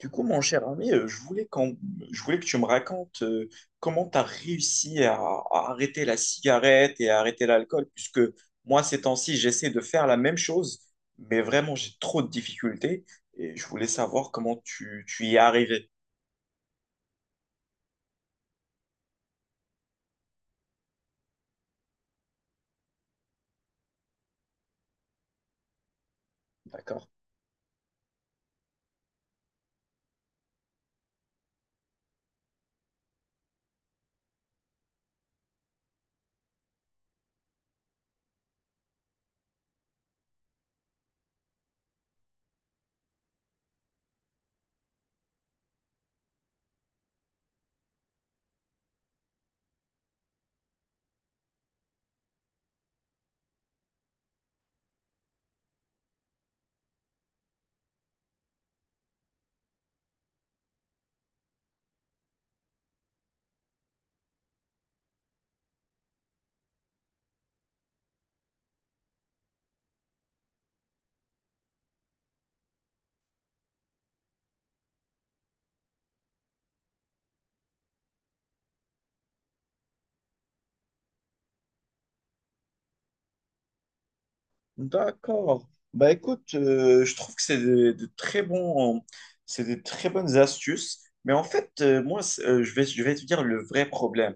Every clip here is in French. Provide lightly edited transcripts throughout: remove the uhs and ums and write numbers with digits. Du coup, mon cher ami, je voulais, je voulais que tu me racontes comment tu as réussi à arrêter la cigarette et à arrêter l'alcool, puisque moi, ces temps-ci, j'essaie de faire la même chose, mais vraiment, j'ai trop de difficultés et je voulais savoir comment tu y es arrivé. D'accord? D'accord. Bah écoute, je trouve que c'est des très bons, c'est des très bonnes astuces. Mais en fait, moi, je vais te dire le vrai problème.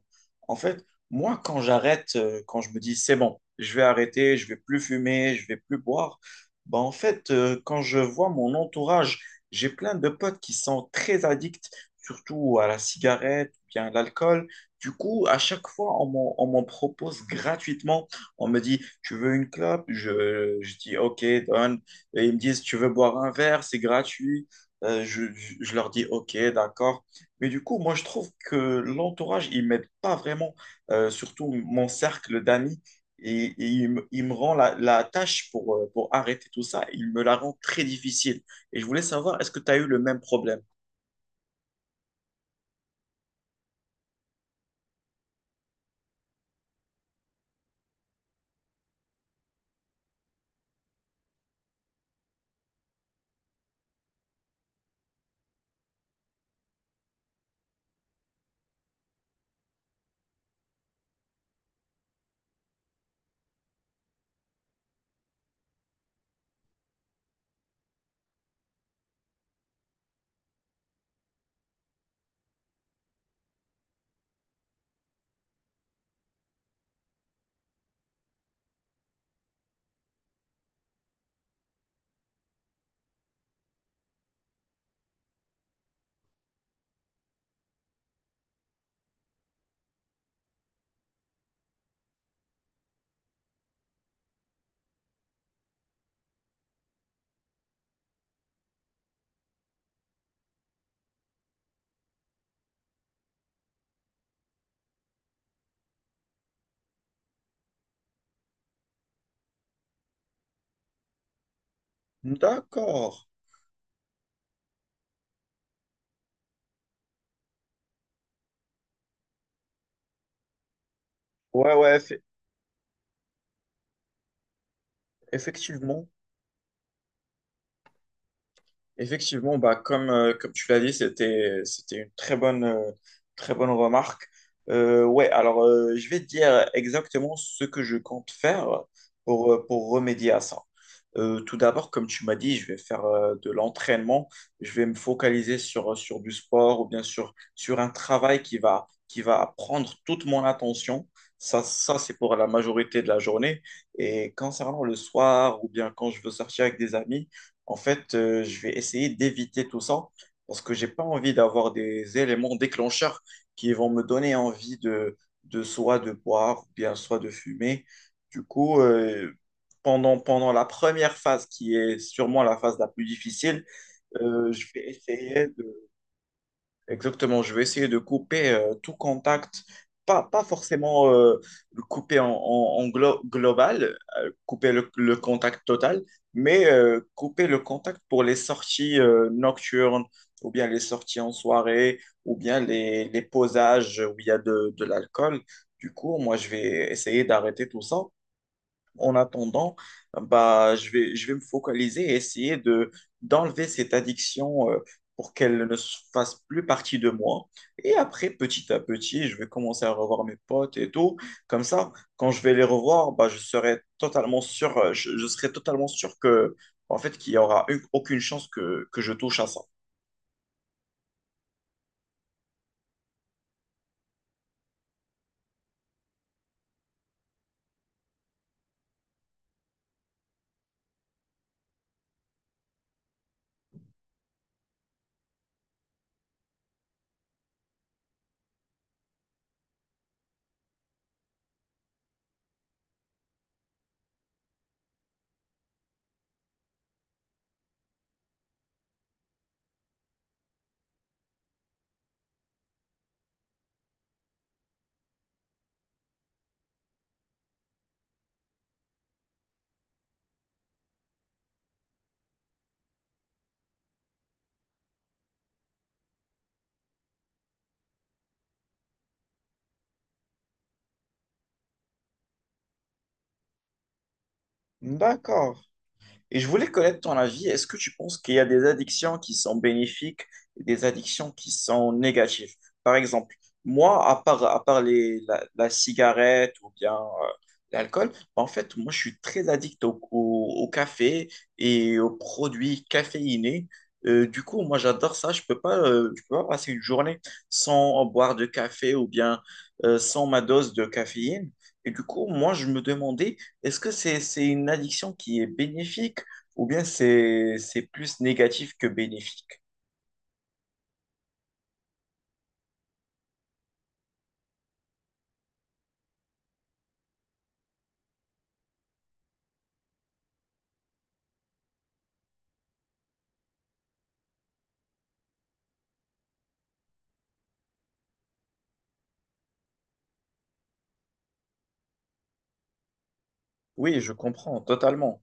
En fait, moi, quand j'arrête, quand je me dis c'est bon, je vais arrêter, je vais plus fumer, je vais plus boire, bah en fait, quand je vois mon entourage, j'ai plein de potes qui sont très addicts, surtout à la cigarette, ou bien à l'alcool. Du coup, à chaque fois, on m'en propose gratuitement. On me dit, tu veux une clope? Je dis, ok, donne. Et ils me disent, tu veux boire un verre? C'est gratuit. Je leur dis, ok, d'accord. Mais du coup, moi, je trouve que l'entourage, il m'aide pas vraiment. Surtout mon cercle d'amis. Et il me rend la tâche pour arrêter tout ça, il me la rend très difficile. Et je voulais savoir, est-ce que tu as eu le même problème? D'accord. Ouais, ouais, effectivement. Effectivement, bah, comme tu l'as dit, c'était une très bonne remarque. Ouais, alors je vais te dire exactement ce que je compte faire pour remédier à ça. Tout d'abord, comme tu m'as dit, je vais faire de l'entraînement. Je vais me focaliser sur, sur du sport ou bien sur, sur un travail qui va prendre toute mon attention. Ça, c'est pour la majorité de la journée. Et concernant le soir ou bien quand je veux sortir avec des amis, en fait, je vais essayer d'éviter tout ça parce que j'ai pas envie d'avoir des éléments déclencheurs qui vont me donner envie de soit de boire ou bien soit de fumer. Du coup, pendant la première phase qui est sûrement la phase la plus difficile, je vais essayer de. Exactement, je vais essayer de couper tout contact, pas, pas forcément le couper en, global, couper le contact total, mais couper le contact pour les sorties nocturnes, ou bien les sorties en soirée, ou bien les posages où il y a de l'alcool. Du coup, moi, je vais essayer d'arrêter tout ça en attendant, bah, je vais me focaliser et essayer de, d'enlever cette addiction pour qu'elle ne se fasse plus partie de moi. Et après, petit à petit, je vais commencer à revoir mes potes et tout. Comme ça, quand je vais les revoir, bah, je serai totalement sûr, je serai totalement sûr que, en fait, qu'il n'y aura une- aucune chance que je touche à ça. D'accord. Et je voulais connaître ton avis. Est-ce que tu penses qu'il y a des addictions qui sont bénéfiques et des addictions qui sont négatives? Par exemple, moi, à part les, la cigarette ou bien l'alcool, bah, en fait, moi, je suis très addict au café et aux produits caféinés. Du coup, moi, j'adore ça. Je peux pas passer une journée sans boire de café ou bien sans ma dose de caféine. Et du coup, moi, je me demandais, est-ce que c'est une addiction qui est bénéfique ou bien c'est plus négatif que bénéfique. Oui, je comprends totalement.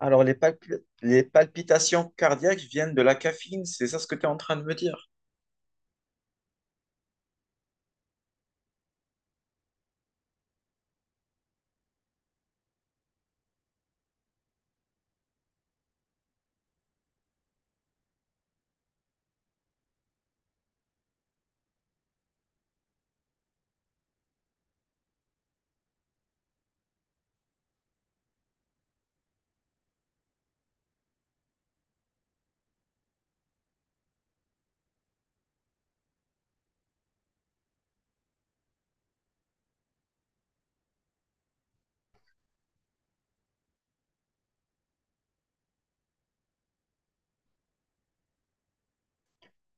Alors, les palpitations cardiaques viennent de la caféine, c'est ça ce que tu es en train de me dire?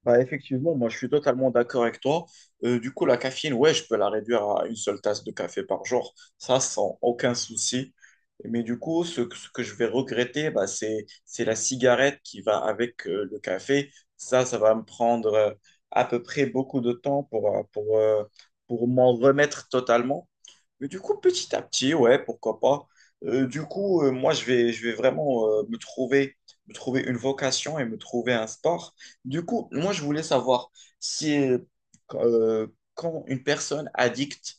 Bah, effectivement, moi je suis totalement d'accord avec toi. Du coup, la caféine, ouais, je peux la réduire à une seule tasse de café par jour, ça sans aucun souci. Mais du coup, ce que je vais regretter, bah, c'est la cigarette qui va avec le café. Ça va me prendre à peu près beaucoup de temps pour, pour m'en remettre totalement. Mais du coup, petit à petit, ouais, pourquoi pas. Du coup, moi, je vais vraiment me trouver une vocation et me trouver un sport. Du coup, moi, je voulais savoir si euh, quand une personne addicte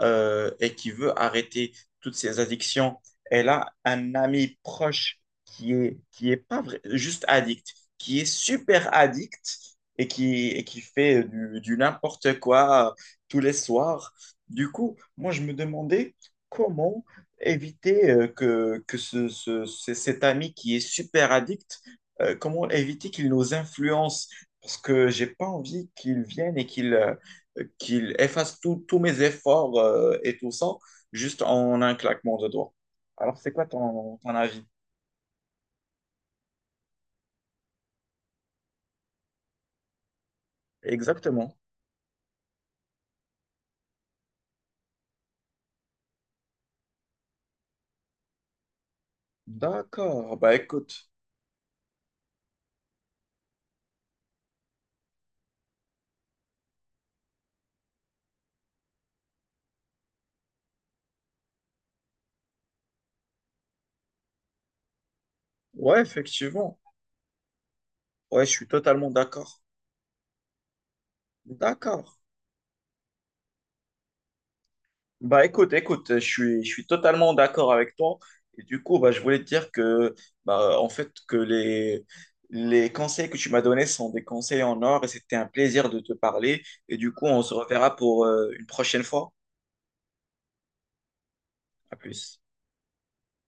et qui veut arrêter toutes ses addictions, elle a un ami proche qui est pas vrai- juste addict, qui est super addict et qui fait du n'importe quoi tous les soirs. Du coup, moi, je me demandais comment éviter que, cet ami qui est super addict, comment éviter qu'il nous influence, parce que j'ai pas envie qu'il vienne et qu'il qu'il efface tous mes efforts et tout ça, juste en un claquement de doigts. Alors, c'est quoi ton, ton avis? Exactement. D'accord. Bah écoute, ouais, effectivement. Ouais, je suis totalement d'accord. D'accord. Bah écoute, écoute, je suis totalement d'accord avec toi. Et du coup, bah, je voulais te dire que, bah, en fait, que les conseils que tu m'as donnés sont des conseils en or et c'était un plaisir de te parler. Et du coup, on se reverra pour une prochaine fois. À plus.